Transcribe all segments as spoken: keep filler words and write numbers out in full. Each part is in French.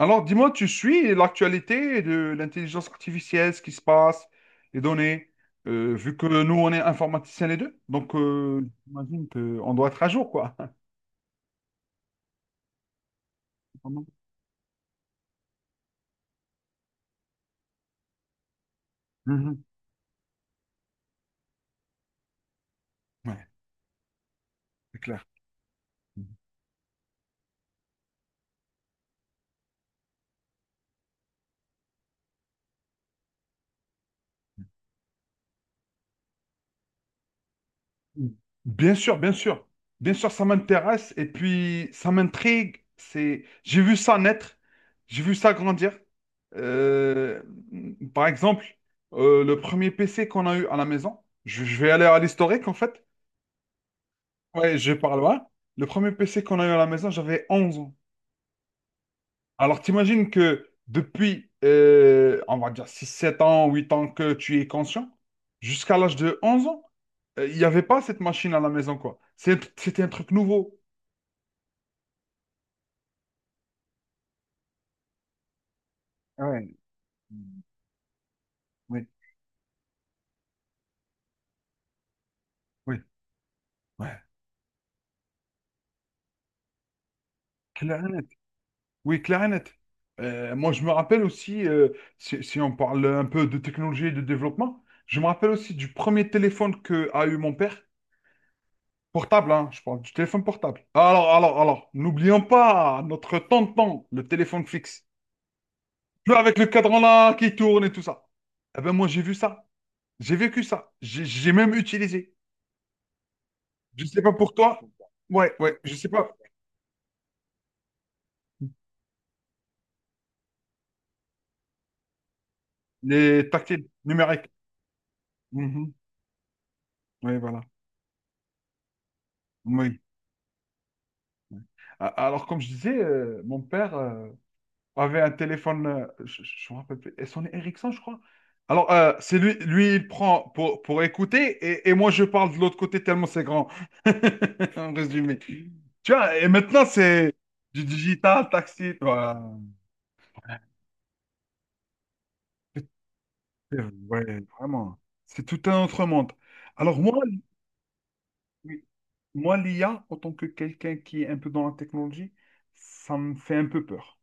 Alors, dis-moi, tu suis l'actualité de l'intelligence artificielle, ce qui se passe, les données, euh, vu que nous, on est informaticiens les deux, donc euh, j'imagine qu'on doit être à jour, quoi. Mhm. Ouais, c'est clair. Mhm. Bien sûr, bien sûr. Bien sûr, ça m'intéresse et puis ça m'intrigue. C'est... J'ai vu ça naître, j'ai vu ça grandir. Euh, Par exemple, euh, le premier P C qu'on a eu à la maison, je, je vais aller à l'historique, en fait. Ouais, je parle par loin. Le premier P C qu'on a eu à la maison, j'avais onze ans. Alors, t'imagines que depuis, euh, on va dire six, sept ans, huit ans que tu es conscient, jusqu'à l'âge de onze ans, euh, il n'y avait pas cette machine à la maison, quoi. C'est- C'était un truc nouveau. Ouais. Oui, oui, ouais. Clair et net. Oui, clair et net. Euh, moi, je me rappelle aussi, euh, si, si on parle un peu de technologie et de développement, je me rappelle aussi du premier téléphone que a eu mon père. Portable, hein, je parle du téléphone portable. Alors, alors, alors, n'oublions pas notre tonton, le téléphone fixe. Plus avec le cadran là qui tourne et tout ça. Eh ben moi, j'ai vu ça. J'ai vécu ça. J'ai j'ai même utilisé. Je sais pas pour toi. Ouais, ouais, je sais pas. Les tactiles numériques. Mhm. Oui, voilà. Oui. A- Alors, comme je disais, euh, mon père euh, avait un téléphone, euh, je, je- je me rappelle plus, son Ericsson, je crois. Alors, euh, c'est lui, lui, il prend pour, pour écouter et, et moi, je parle de l'autre côté tellement c'est grand. En résumé. Tu vois, et maintenant, c'est du digital, taxi, toi. Ouais, vraiment. C'est tout un autre monde. Alors, moi, oui, moi l'I A, en tant que quelqu'un qui est un peu dans la technologie, ça me fait un peu peur.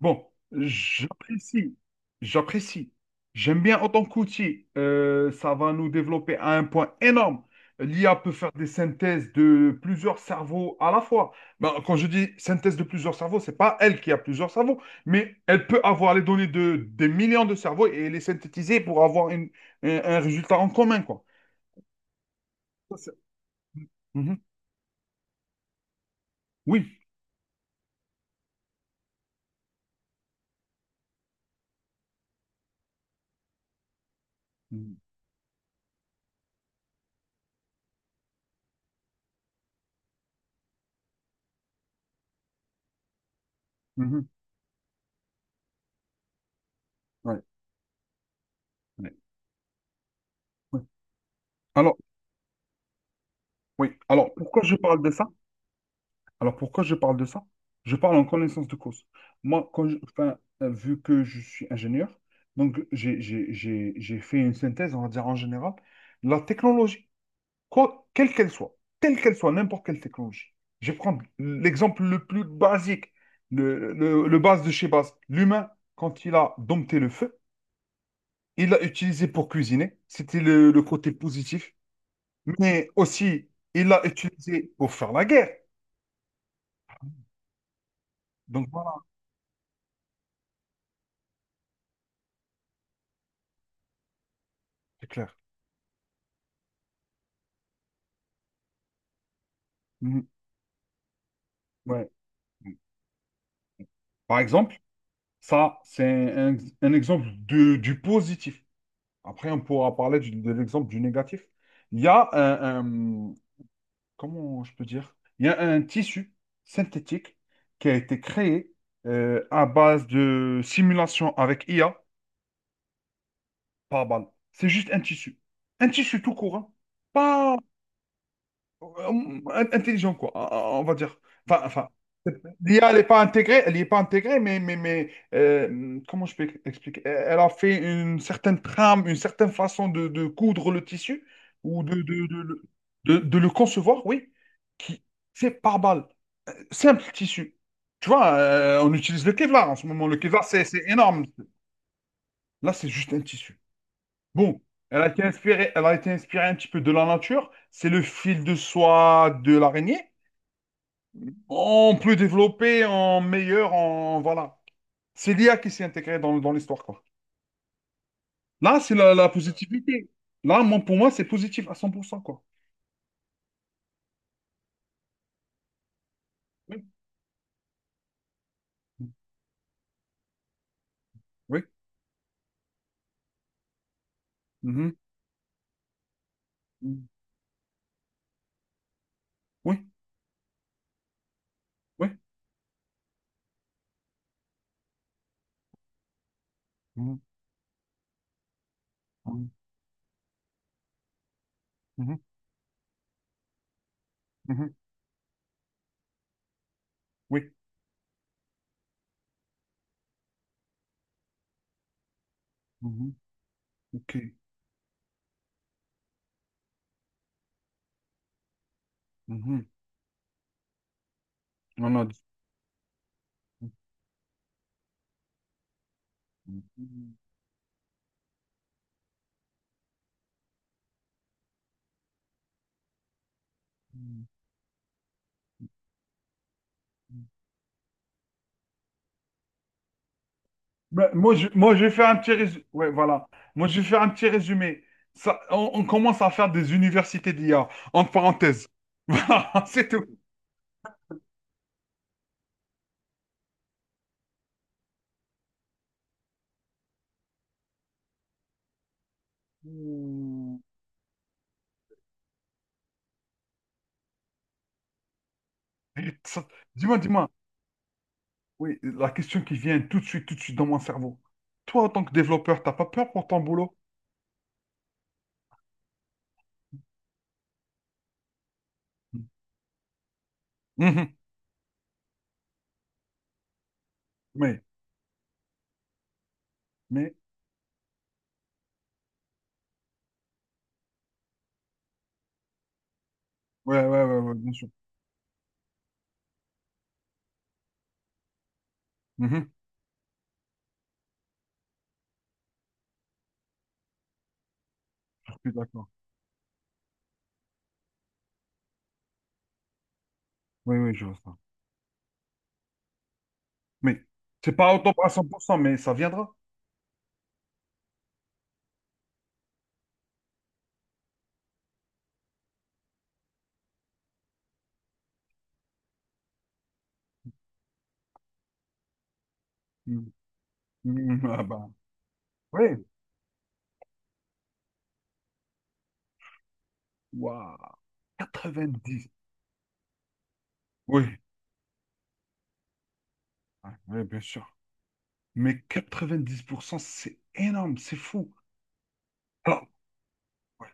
Bon, j'apprécie, j'apprécie. J'aime bien autant qu'outil. Euh, ça va nous développer à un point énorme. L'I A peut faire des synthèses de plusieurs cerveaux à la fois. Ben, quand je dis synthèse de plusieurs cerveaux, c'est pas elle qui a plusieurs cerveaux, mais elle peut avoir les données de des millions de cerveaux et les synthétiser pour avoir une- un, un résultat en commun, quoi. Ça, c'est- Mhm. Oui. Mhm. Mhm. Ouais. Ouais. Ouais. Alors, oui. Alors, pourquoi je parle de ça? Alors pourquoi je parle de ça? Je parle en connaissance de cause. Moi, quand je- enfin, euh, vu que je suis ingénieur, donc j'ai j'ai- j'ai- j'ai fait une synthèse, on va dire en général, la technologie, quoi, quelle qu'elle soit, telle qu'elle soit, n'importe quelle technologie. Je vais prendre l'exemple le plus basique, le, le, le base de chez base. L'humain, quand il a dompté le feu, il l'a utilisé pour cuisiner, c'était le, le côté positif, mais aussi il l'a utilisé pour faire la guerre. Donc voilà, c'est clair. Mhm. Ouais. Par exemple, ça, c'est un, un exemple de- du positif. Après, on pourra parler du- de l'exemple du négatif. Il y a un, un- comment je peux dire? Il y a un tissu synthétique qui a été créé euh, à base de simulation avec I A par balle. C'est juste un tissu. Un tissu tout court, hein. Pas euh, intelligent, quoi, on va dire. Enfin, enfin, l'I A, elle n'est pas intégrée, elle y est pas intégrée, mais, mais, mais euh, comment je peux expliquer? Elle a fait une certaine trame, une certaine façon de, de coudre le tissu ou de, de, de, le de- de le concevoir, oui, qui c'est par balle. Simple tissu. Tu vois, euh, on utilise le Kevlar en ce moment. Le Kevlar, c'est c'est énorme. Là, c'est juste un tissu. Bon, elle a été inspirée, elle a été inspirée un petit peu de la nature. C'est le fil de soie de l'araignée. On peut développer en meilleur, en voilà. C'est l'I A qui s'est intégrée dans, dans l'histoire, quoi. Là, c'est la, la positivité. Là, moi, pour moi, c'est positif à cent pour cent quoi. Oui. Oui. Mhm. Mhm. Oui. Oui. Mhm. Mhm. Mhm. Mhm. Oui. Mhm. OK. Mhm. On a dit. Mhm. Ben, moi, je, moi, je vais faire un petit résumé. Ouais, voilà. Moi, je vais faire un petit résumé. Ça, on, on commence à faire des universités d'I A, entre parenthèses. Voilà, c'est tout. Ça- Dis-moi, dis-moi, oui, la question qui vient tout de suite, tout de suite dans mon cerveau. Toi, en tant que développeur, t'as pas peur pour ton boulot? Mhm. Oui, mais, ouais, ouais, ouais, ouais, bien sûr. Mhm. Je suis d'accord. Oui, oui, je vois ça. Mais, c'est pas autant à cent pour cent, mais ça viendra. Mhm. Mhm. Ah bah, oui, waouh, quatre-vingt-dix. Oui, ouais, ouais, bien sûr. Mais quatre-vingt-dix pour cent, c'est énorme, c'est fou. Alors, ouais,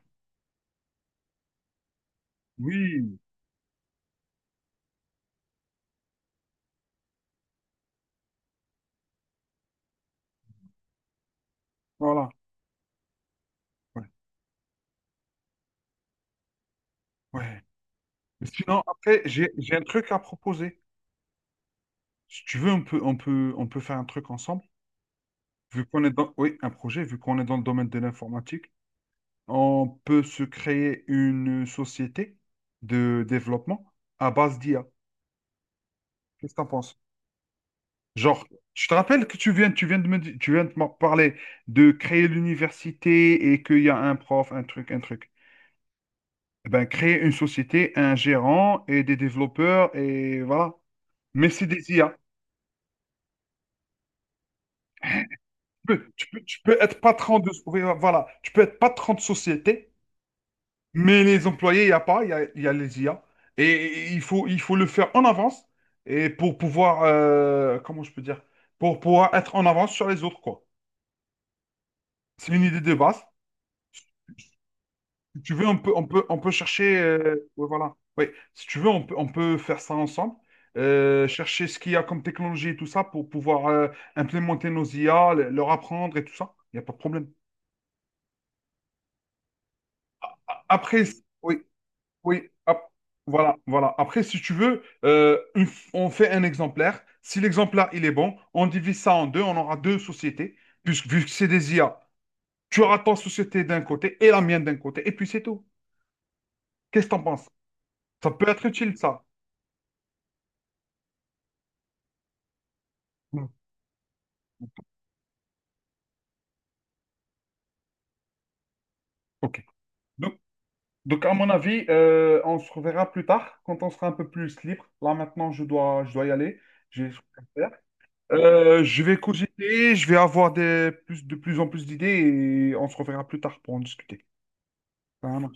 oui, voilà. Ouais, ouais. Sinon, après, j'ai j'ai un truc à proposer. Si tu veux, on peut, on peut, on peut faire un truc ensemble. Vu qu'on est dans, oui, un projet, vu qu'on est dans le domaine de l'informatique, on peut se créer une société de développement à base d'I A. Qu'est-ce que t'en penses? Genre, je te rappelle que tu viens, tu viens de me, di- tu viens de m'en parler de créer l'université et qu'il y a un prof, un truc, un truc. Eh ben, créer une société, un gérant et des développeurs et voilà. Mais c'est des I A. Tu peux, tu peux, tu peux être patron de, oui, voilà, tu peux être patron de société. Mais les employés, il n'y a pas, il y a, il y a les I A. Et il faut, il faut le faire en avance et pour pouvoir, euh, comment je peux dire, pour pouvoir être en avance sur les autres, quoi. C'est une idée de base. Si tu veux, on peut, on peut, on peut chercher, euh, ouais, voilà. Oui, si tu veux, on peut, on peut faire ça ensemble. Euh, chercher ce qu'il y a comme technologie et tout ça pour pouvoir euh, implémenter nos I A, le- leur apprendre et tout ça. Il n'y a pas de problème. A- Après, oui, oui, hop, voilà, voilà. Après, si tu veux, euh, une f- on fait un exemplaire. Si l'exemplaire, il est bon, on divise ça en deux, on aura deux sociétés, puisque vu que c'est des I A, tu auras ta société d'un côté et la mienne d'un côté, et puis c'est tout. Qu'est-ce que t'en penses? Ça peut être utile, ça. Mm. Ok. Donc, donc, à mon avis, euh, on se reverra plus tard, quand on sera un peu plus libre. Là, maintenant, je dois, je dois y aller. J'ai des choses à faire. Euh, je vais cogiter, je vais avoir des, plus, de plus en plus d'idées, et on se reverra plus tard pour en discuter. Très malheureux